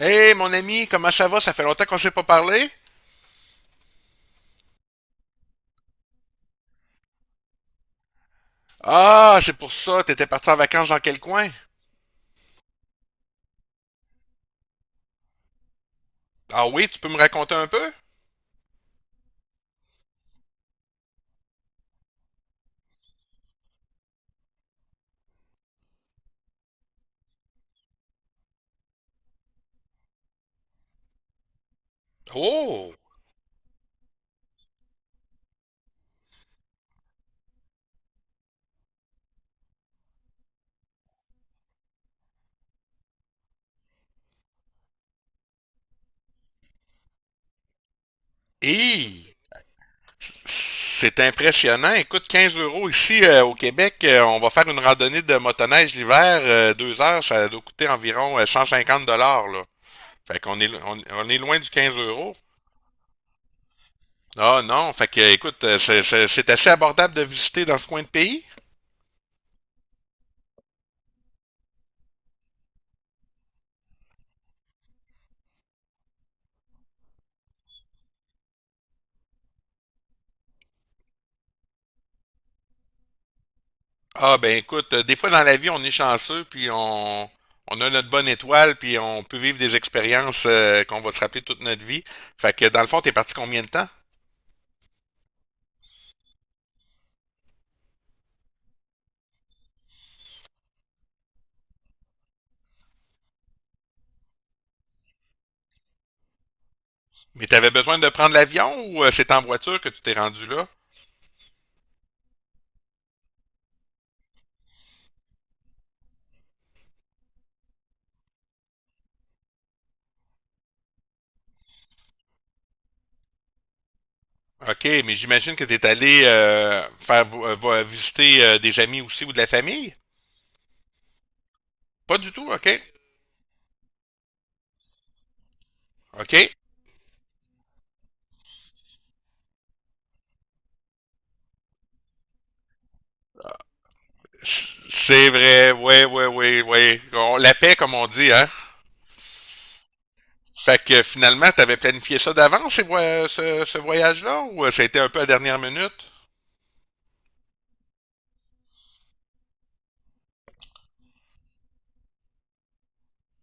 Hey, mon ami, comment ça va? Ça fait longtemps qu'on s'est pas parlé? Ah, c'est pour ça, t'étais parti en vacances dans quel coin? Ah oui, tu peux me raconter un peu? Oh! Hi! C'est impressionnant. Écoute, 15 euros ici au Québec, on va faire une randonnée de motoneige l'hiver, 2 heures, ça doit coûter environ 150 dollars là. Fait qu'on est loin du 15 euros. Ah non, fait que écoute, c'est assez abordable de visiter dans ce coin de pays. Ah ben écoute, des fois dans la vie, on est chanceux, puis on a notre bonne étoile, puis on peut vivre des expériences qu'on va se rappeler toute notre vie. Fait que dans le fond, t'es parti combien de temps? Mais t'avais besoin de prendre l'avion ou c'est en voiture que tu t'es rendu là? OK, mais j'imagine que t'es allé visiter des amis aussi ou de la famille? Pas du tout, OK? OK. C'est vrai, ouais, ouais, ouais, ouais. La paix, comme on dit, hein? Fait que finalement, t'avais planifié ça d'avance, ce voyage-là, ou ça a été un peu à dernière minute?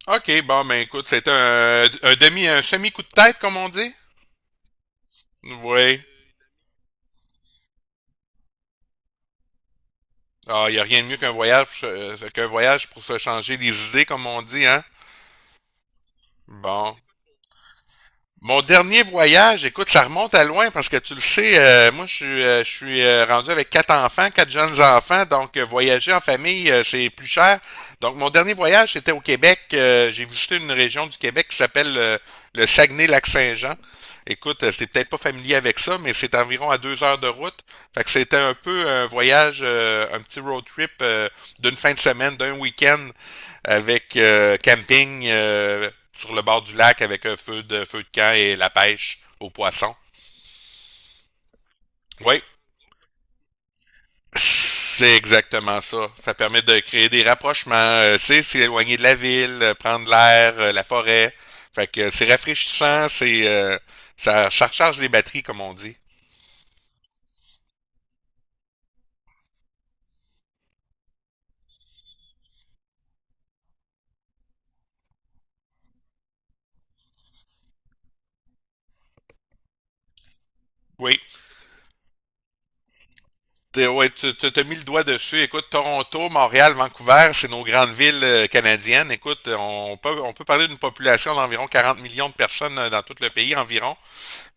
OK, bon, ben écoute, c'est un demi, un semi-coup de tête, comme on dit? Oui. Ah, y a rien de mieux qu'un voyage pour se changer les idées, comme on dit, hein? Bon. Mon dernier voyage, écoute, ça remonte à loin parce que tu le sais, moi je suis rendu avec quatre enfants, quatre jeunes enfants, donc voyager en famille, c'est plus cher. Donc mon dernier voyage, c'était au Québec. J'ai visité une région du Québec qui s'appelle le Saguenay-Lac-Saint-Jean. Écoute, t'es peut-être pas familier avec ça, mais c'est environ à 2 heures de route. Fait que c'était un peu un voyage, un petit road trip d'une fin de semaine, d'un week-end avec camping sur le bord du lac avec un feu de camp et la pêche aux poissons. Oui, c'est exactement ça. Ça permet de créer des rapprochements. C'est s'éloigner de la ville, prendre l'air, la forêt. Fait que c'est rafraîchissant, c'est ça recharge les batteries, comme on dit. Oui. Ouais, t'as mis le doigt dessus. Écoute, Toronto, Montréal, Vancouver, c'est nos grandes villes canadiennes. Écoute, on peut parler d'une population d'environ 40 millions de personnes dans tout le pays environ.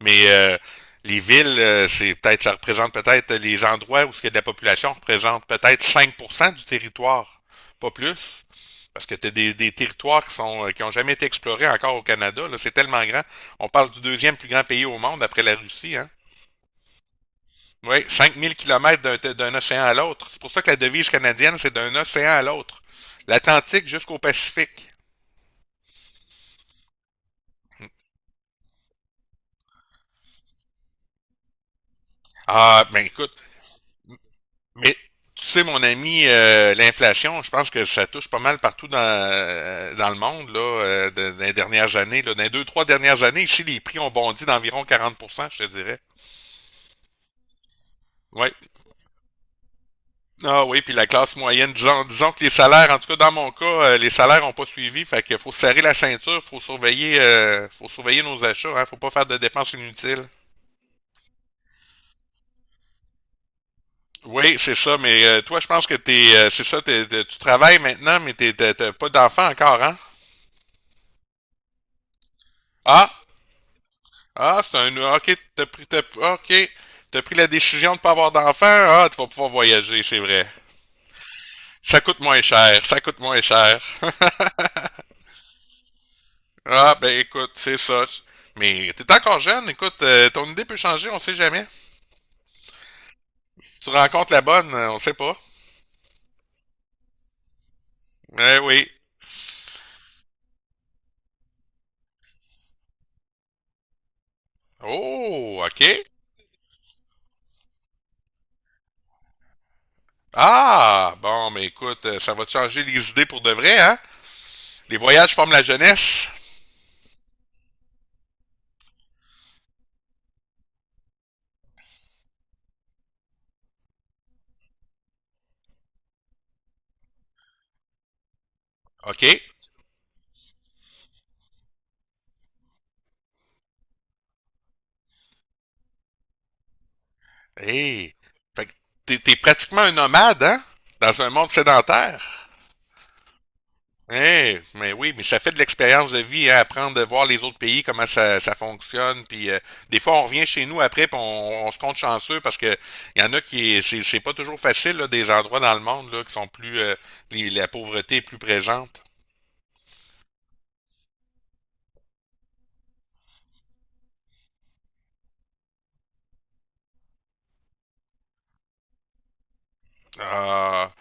Mais les villes, c'est peut-être, ça représente peut-être les endroits où ce qu'il y a de la population représente peut-être 5% du territoire, pas plus. Parce que tu as des territoires qui sont qui ont jamais été explorés encore au Canada là. C'est tellement grand. On parle du deuxième plus grand pays au monde après la Russie, hein. Oui, 5 000 kilomètres d'un océan à l'autre. C'est pour ça que la devise canadienne, c'est d'un océan à l'autre. L'Atlantique jusqu'au Pacifique. Ah, ben écoute, mais tu sais, mon ami, l'inflation, je pense que ça touche pas mal partout dans le monde, là, dans les dernières années. Là. Dans les deux, trois dernières années, ici, les prix ont bondi d'environ 40% je te dirais. Oui. Ah oui, puis la classe moyenne, disons que les salaires, en tout cas dans mon cas, les salaires n'ont pas suivi, fait qu'il faut serrer la ceinture, faut surveiller nos achats, hein, faut pas faire de dépenses inutiles. Oui, c'est ça, mais toi, je pense que t'es, c'est ça, t'es- t'es- tu travailles maintenant, mais t'as pas d'enfant encore, hein? Ah, Ah, c'est un. Ok, ok, t'as pris la décision de pas avoir d'enfant. Ah, tu vas pouvoir voyager, c'est vrai. Ça coûte moins cher, ça coûte moins cher. Ah, ben écoute, c'est ça. Mais t'es encore jeune, écoute, ton idée peut changer, on sait jamais. Tu rencontres la bonne, on sait pas. Eh oui. Oh, ok. Ah, bon, mais écoute, ça va te changer les idées pour de vrai, hein? Les voyages forment la jeunesse. Ok. Eh. Fait que t'es pratiquement un nomade, hein? Dans un monde sédentaire. Eh, mais oui, mais ça fait de l'expérience de vie, hein, apprendre de voir les autres pays, comment ça fonctionne. Puis des fois, on revient chez nous après, puis on se compte chanceux parce que il y en a qui c'est pas toujours facile là, des endroits dans le monde là, qui sont plus la pauvreté est plus présente. Ah,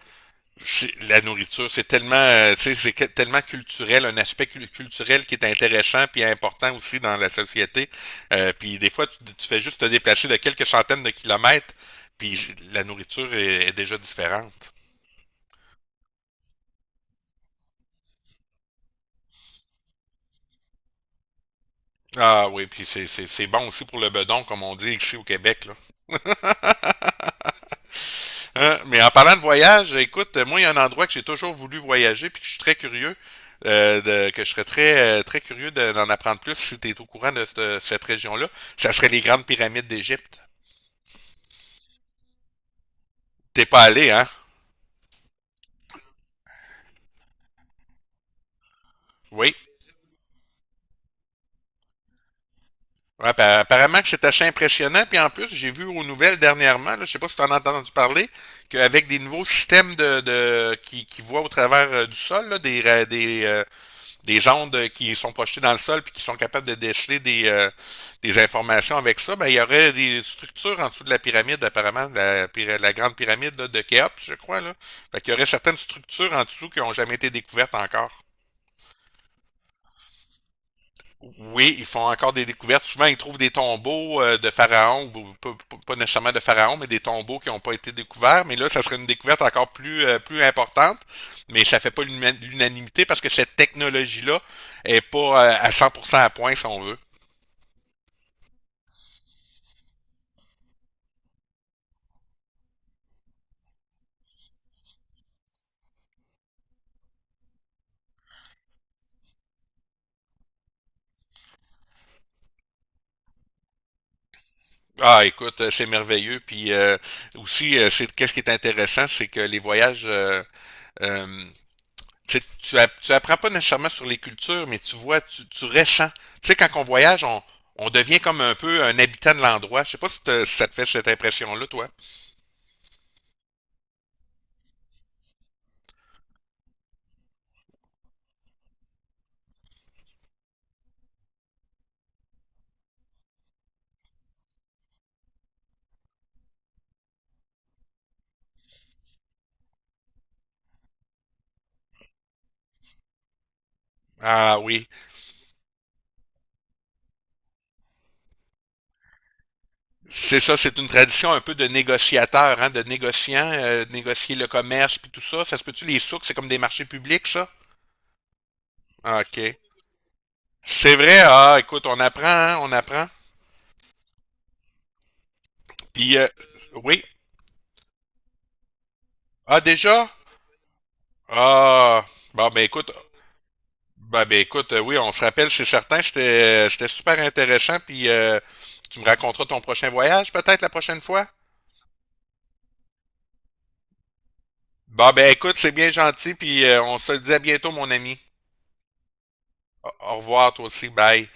la nourriture, c'est tellement, tu sais, c'est tellement culturel, un aspect culturel qui est intéressant puis important aussi dans la société. Puis des fois, tu fais juste te déplacer de quelques centaines de kilomètres, puis la nourriture est déjà différente. Ah oui, puis c'est bon aussi pour le bedon, comme on dit ici au Québec, là. Hein, mais en parlant de voyage, écoute, moi, il y a un endroit que j'ai toujours voulu voyager puis que je suis très curieux, que je serais très, très curieux d'en apprendre plus si tu es au courant de cette région-là. Ça serait les grandes pyramides d'Égypte. T'es pas allé, hein? Oui. Ouais, apparemment que c'est assez impressionnant. Puis en plus, j'ai vu aux nouvelles dernièrement, là, je sais pas si tu en as entendu parler, qu'avec des nouveaux systèmes de qui voient au travers du sol, là, des ondes qui sont projetées dans le sol puis qui sont capables de déceler des informations avec ça, ben, il y aurait des structures en dessous de la pyramide, apparemment, la grande pyramide là, de Khéops, je crois. Là. Fait qu'il y aurait certaines structures en dessous qui n'ont jamais été découvertes encore. Oui, ils font encore des découvertes. Souvent, ils trouvent des tombeaux de pharaons, ou pas, pas nécessairement de pharaons, mais des tombeaux qui n'ont pas été découverts. Mais là, ça serait une découverte encore plus, plus importante. Mais ça fait pas l'unanimité parce que cette technologie-là est pas à 100% à point, si on veut. Ah, écoute, c'est merveilleux. Puis aussi, c'est qu'est-ce qui est intéressant, c'est que les voyages, euh, tu apprends pas nécessairement sur les cultures, mais tu vois, tu ressens. Tu sais, quand on voyage, on devient comme un peu un habitant de l'endroit. Je sais pas si, si ça te fait cette impression-là, toi. Ah oui. C'est ça, c'est une tradition un peu de négociateur, hein, de négociant, de négocier le commerce puis tout ça. Ça se peut-tu les souks, c'est comme des marchés publics, ça? Ah, OK. C'est vrai, ah, écoute, on apprend, hein, on apprend. Puis, oui. Ah, déjà? Ah, bon, ben écoute, ben écoute, oui, on se rappelle, c'est certain, c'était super intéressant, puis tu me raconteras ton prochain voyage peut-être la prochaine fois? Ben écoute, c'est bien gentil, puis on se le dit à bientôt, mon ami. Au revoir, toi aussi, bye.